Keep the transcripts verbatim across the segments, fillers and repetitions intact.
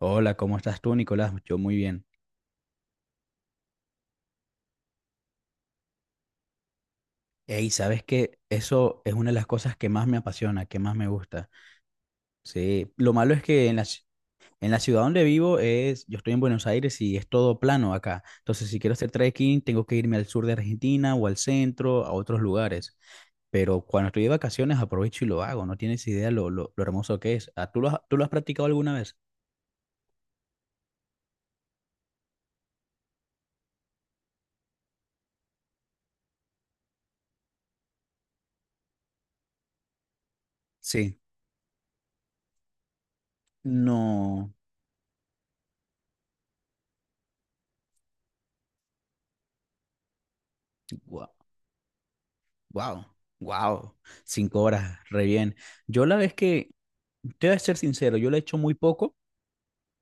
Hola, ¿cómo estás tú, Nicolás? Yo muy bien. Ey, ¿sabes qué? Eso es una de las cosas que más me apasiona, que más me gusta. Sí, lo malo es que en la, ci- en la ciudad donde vivo es, yo estoy en Buenos Aires y es todo plano acá. Entonces, si quiero hacer trekking, tengo que irme al sur de Argentina o al centro, a otros lugares. Pero cuando estoy de vacaciones, aprovecho y lo hago. No tienes idea lo, lo, lo hermoso que es. Ah, ¿Tú lo has, tú lo has practicado alguna vez? Sí. No. Guau. Wow, wow, cinco horas, re bien. Yo la vez que, te voy a ser sincero, yo lo he hecho muy poco,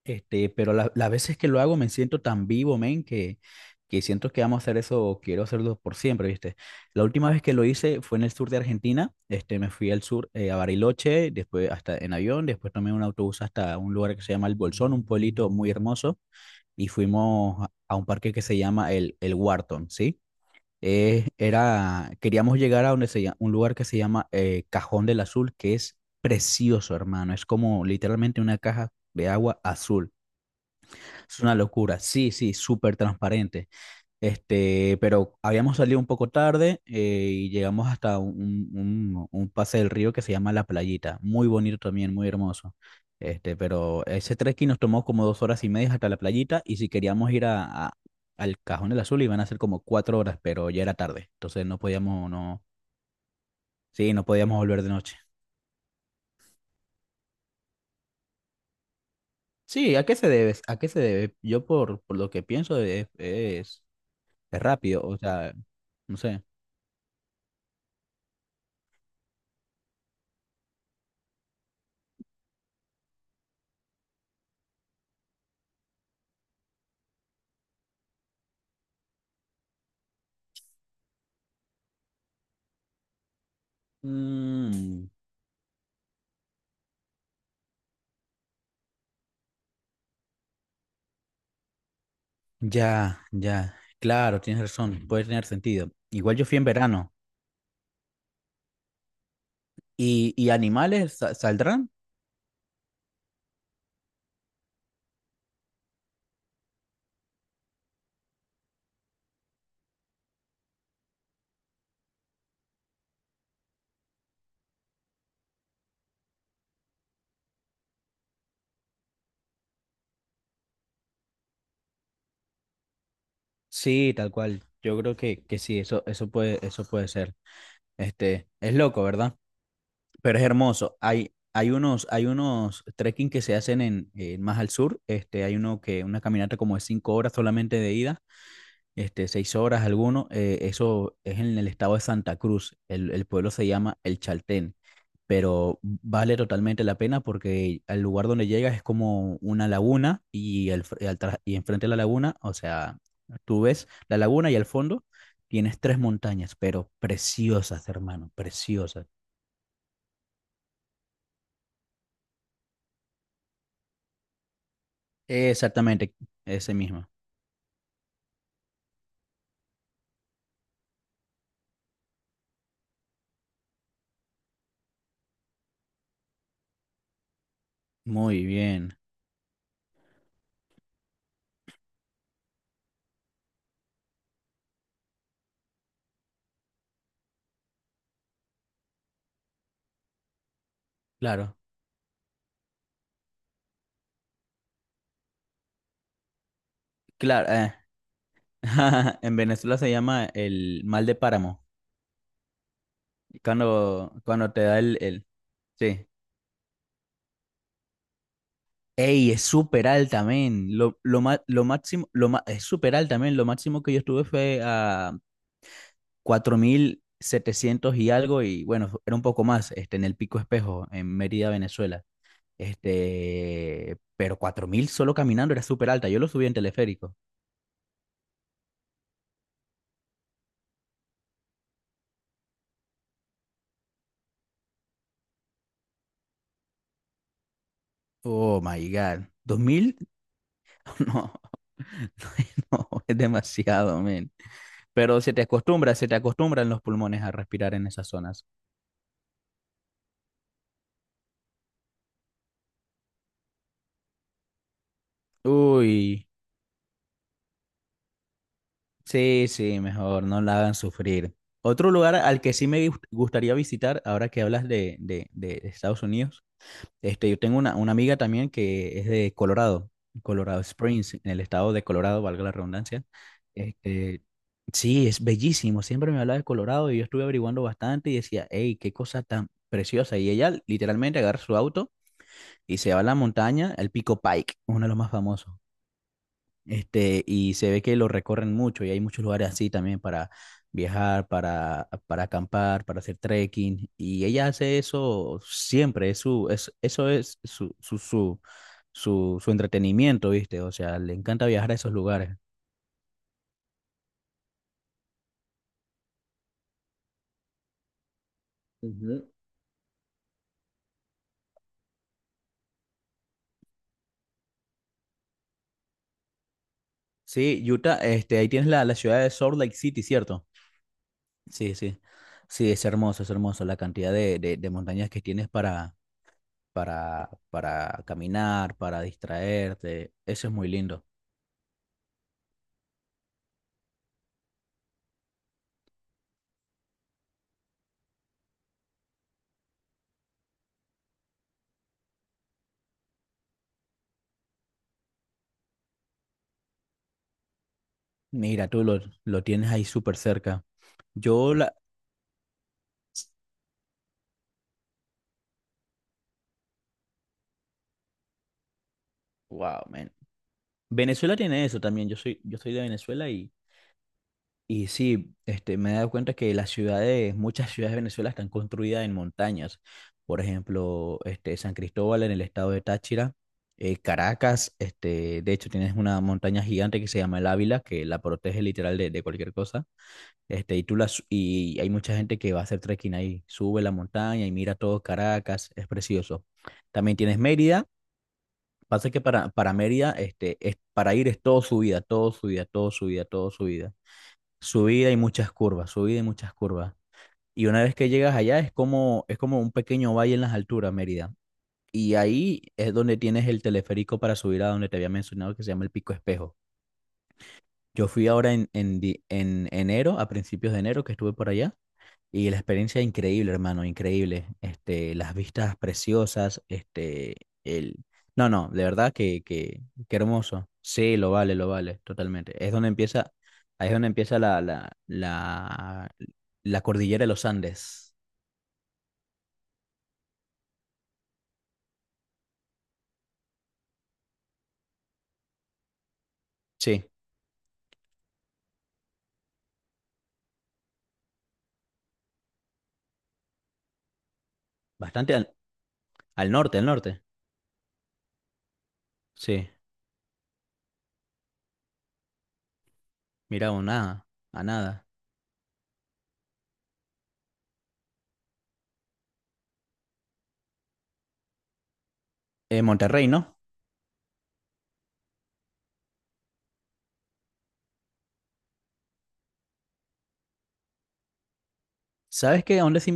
este, pero la- las veces que lo hago me siento tan vivo, men, que, que siento que amo hacer eso, quiero hacerlo por siempre, ¿viste? La última vez que lo hice fue en el sur de Argentina, este, me fui al sur, eh, a Bariloche, después hasta en avión, después tomé un autobús hasta un lugar que se llama El Bolsón, un pueblito muy hermoso, y fuimos a a un parque que se llama el, el Wharton, ¿sí? eh, era, queríamos llegar a donde se llama, un lugar que se llama eh, Cajón del Azul, que es precioso, hermano. Es como literalmente una caja de agua azul. Es una locura. Sí, sí, súper transparente. Este, pero habíamos salido un poco tarde, eh, y llegamos hasta un, un- un pase del río que se llama La Playita. Muy bonito también, muy hermoso. Este, pero ese trekking nos tomó como dos horas y media hasta la playita, y si queríamos ir a, a- al Cajón del Azul iban a ser como cuatro horas, pero ya era tarde. Entonces no podíamos, no, sí, no podíamos volver de noche. Sí, ¿a qué se debe? ¿A qué se debe? Yo por, por lo que pienso es, es, es rápido, o sea, no sé. Mm. Ya, ya, claro, tienes razón, puede tener sentido. Igual yo fui en verano. ¿Y, y animales sa- saldrán? Sí, tal cual. Yo creo que, que sí, eso, eso puede, eso puede ser. Este, es loco, ¿verdad? Pero es hermoso. Hay, hay unos, hay unos trekking que se hacen en, en más al sur. Este, hay uno que, una caminata como de cinco horas solamente de ida, este, seis horas alguno, eh, eso es en el estado de Santa Cruz, el, el pueblo se llama El Chaltén, pero vale totalmente la pena porque al lugar donde llegas es como una laguna y, al fr- y al tra- y enfrente de la laguna, o sea, tú ves la laguna y al fondo tienes tres montañas, pero preciosas, hermano, preciosas. Exactamente, ese mismo. Muy bien, claro, claro. eh. En Venezuela se llama el mal de páramo. Cuando, cuando te da el, el- Sí. Ey, es súper alta, men. Lo, lo, ma- lo máximo, lo ma- es súper alta, men. Lo máximo que yo estuve fue a cuatro mil setecientos y algo, y bueno, fu- era un poco más, este, en el Pico Espejo, en Mérida, Venezuela. Este, pero cuatro mil solo caminando era súper alta. Yo lo subí en teleférico. Oh my God. Dos mil. No, no, es demasiado, men. Pero se te acostumbra, se te acostumbran los pulmones a respirar en esas zonas. Uy. Sí, sí, mejor, no la hagan sufrir. Otro lugar al que sí me gust- gustaría visitar, ahora que hablas de, de, de Estados Unidos, este, yo tengo una, una amiga también que es de Colorado, Colorado Springs, en el estado de Colorado, valga la redundancia. Este, sí, es bellísimo, siempre me habla de Colorado y yo estuve averiguando bastante y decía, hey, qué cosa tan preciosa. Y ella literalmente agarra su auto y se va a la montaña, al Pico Pike, uno de los más famosos. Este, y se ve que lo recorren mucho y hay muchos lugares así también para viajar, para, para acampar, para hacer trekking. Y ella hace eso siempre, es su, es, eso es su, su, su, su, su entretenimiento, ¿viste? O sea, le encanta viajar a esos lugares. Ujú. Sí, Utah, este, ahí tienes la, la ciudad de Salt Lake City, ¿cierto? Sí, sí. Sí, es hermoso, es hermoso la cantidad de, de, de montañas que tienes para, para, para caminar, para distraerte. Eso es muy lindo. Mira, tú lo, lo tienes ahí súper cerca. Yo la... Wow, man. Venezuela tiene eso también. Yo soy, yo soy de Venezuela y, y sí, este, me he dado cuenta que las ciudades, muchas ciudades de Venezuela están construidas en montañas. Por ejemplo, este, San Cristóbal en el estado de Táchira, eh, Caracas, este, de hecho tienes una montaña gigante que se llama el Ávila, que la protege literal de, de cualquier cosa. Este, y tú la su- y hay mucha gente que va a hacer trekking ahí, sube la montaña y mira todo Caracas, es precioso. También tienes Mérida. Pasa que para, para Mérida, este, es, para ir es todo subida, todo subida, todo subida, todo subida. Subida y muchas curvas, subida y muchas curvas. Y una vez que llegas allá es como, es como, un pequeño valle en las alturas, Mérida. Y ahí es donde tienes el teleférico para subir a donde te había mencionado que se llama el Pico Espejo. Yo fui ahora en, en, di- en enero, a principios de enero que estuve por allá, y la experiencia increíble, hermano, increíble. Este, las vistas preciosas, este, el... No, no, de verdad que, que, que hermoso. Sí, lo vale, lo vale, totalmente. Es donde empieza, ahí es donde empieza la, la, la, la cordillera de los Andes. Sí, bastante al, al norte, al norte. Sí, mira, a nada, a nada. Eh, Monterrey, ¿no? ¿Sabes qué? ¿A dónde sí?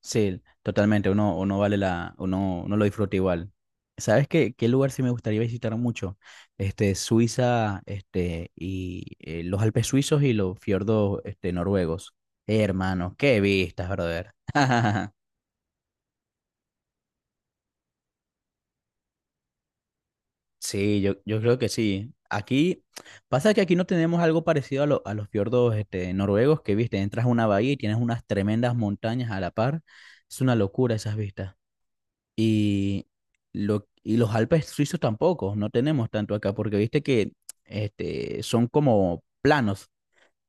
Sí, totalmente, uno, uno vale la, uno, uno lo disfruta igual. ¿Sabes qué, qué lugar sí me gustaría visitar mucho? Este, Suiza, este, y eh, los Alpes suizos y los fiordos, este, noruegos. Eh, hermano, qué vistas, brother. Sí, yo, yo creo que sí. Aquí, pasa que aquí no tenemos algo parecido a, lo- a los fiordos, este, noruegos, que viste, entras a una bahía y tienes unas tremendas montañas a la par. Es una locura esas vistas. Y, lo, y los Alpes suizos tampoco, no tenemos tanto acá, porque viste que este, son como planos,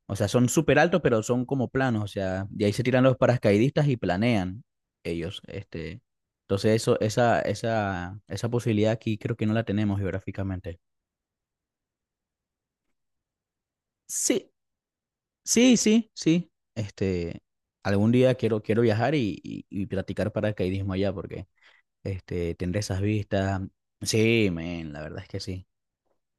o sea, son súper altos, pero son como planos, o sea, de ahí se tiran los paracaidistas y planean ellos. Este, entonces, eso, esa, esa, esa posibilidad aquí creo que no la tenemos geográficamente. Sí, sí, sí, sí. Este, Algún día quiero, quiero, viajar y, y, y practicar paracaidismo allá, porque este, tendré esas vistas. Sí, men, la verdad es que sí.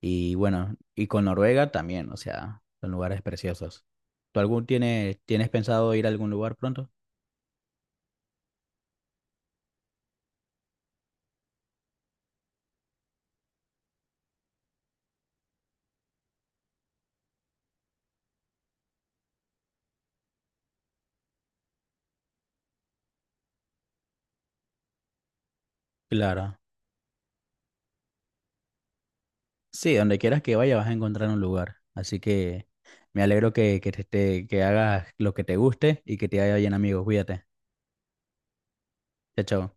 Y bueno, y con Noruega también, o sea, son lugares preciosos. ¿Tú algún tienes, tienes pensado ir a algún lugar pronto? Claro. Sí, donde quieras que vaya vas a encontrar un lugar. Así que me alegro que, que, te, te- que hagas lo que te guste y que te haya bien amigos. Cuídate. Chao, chao.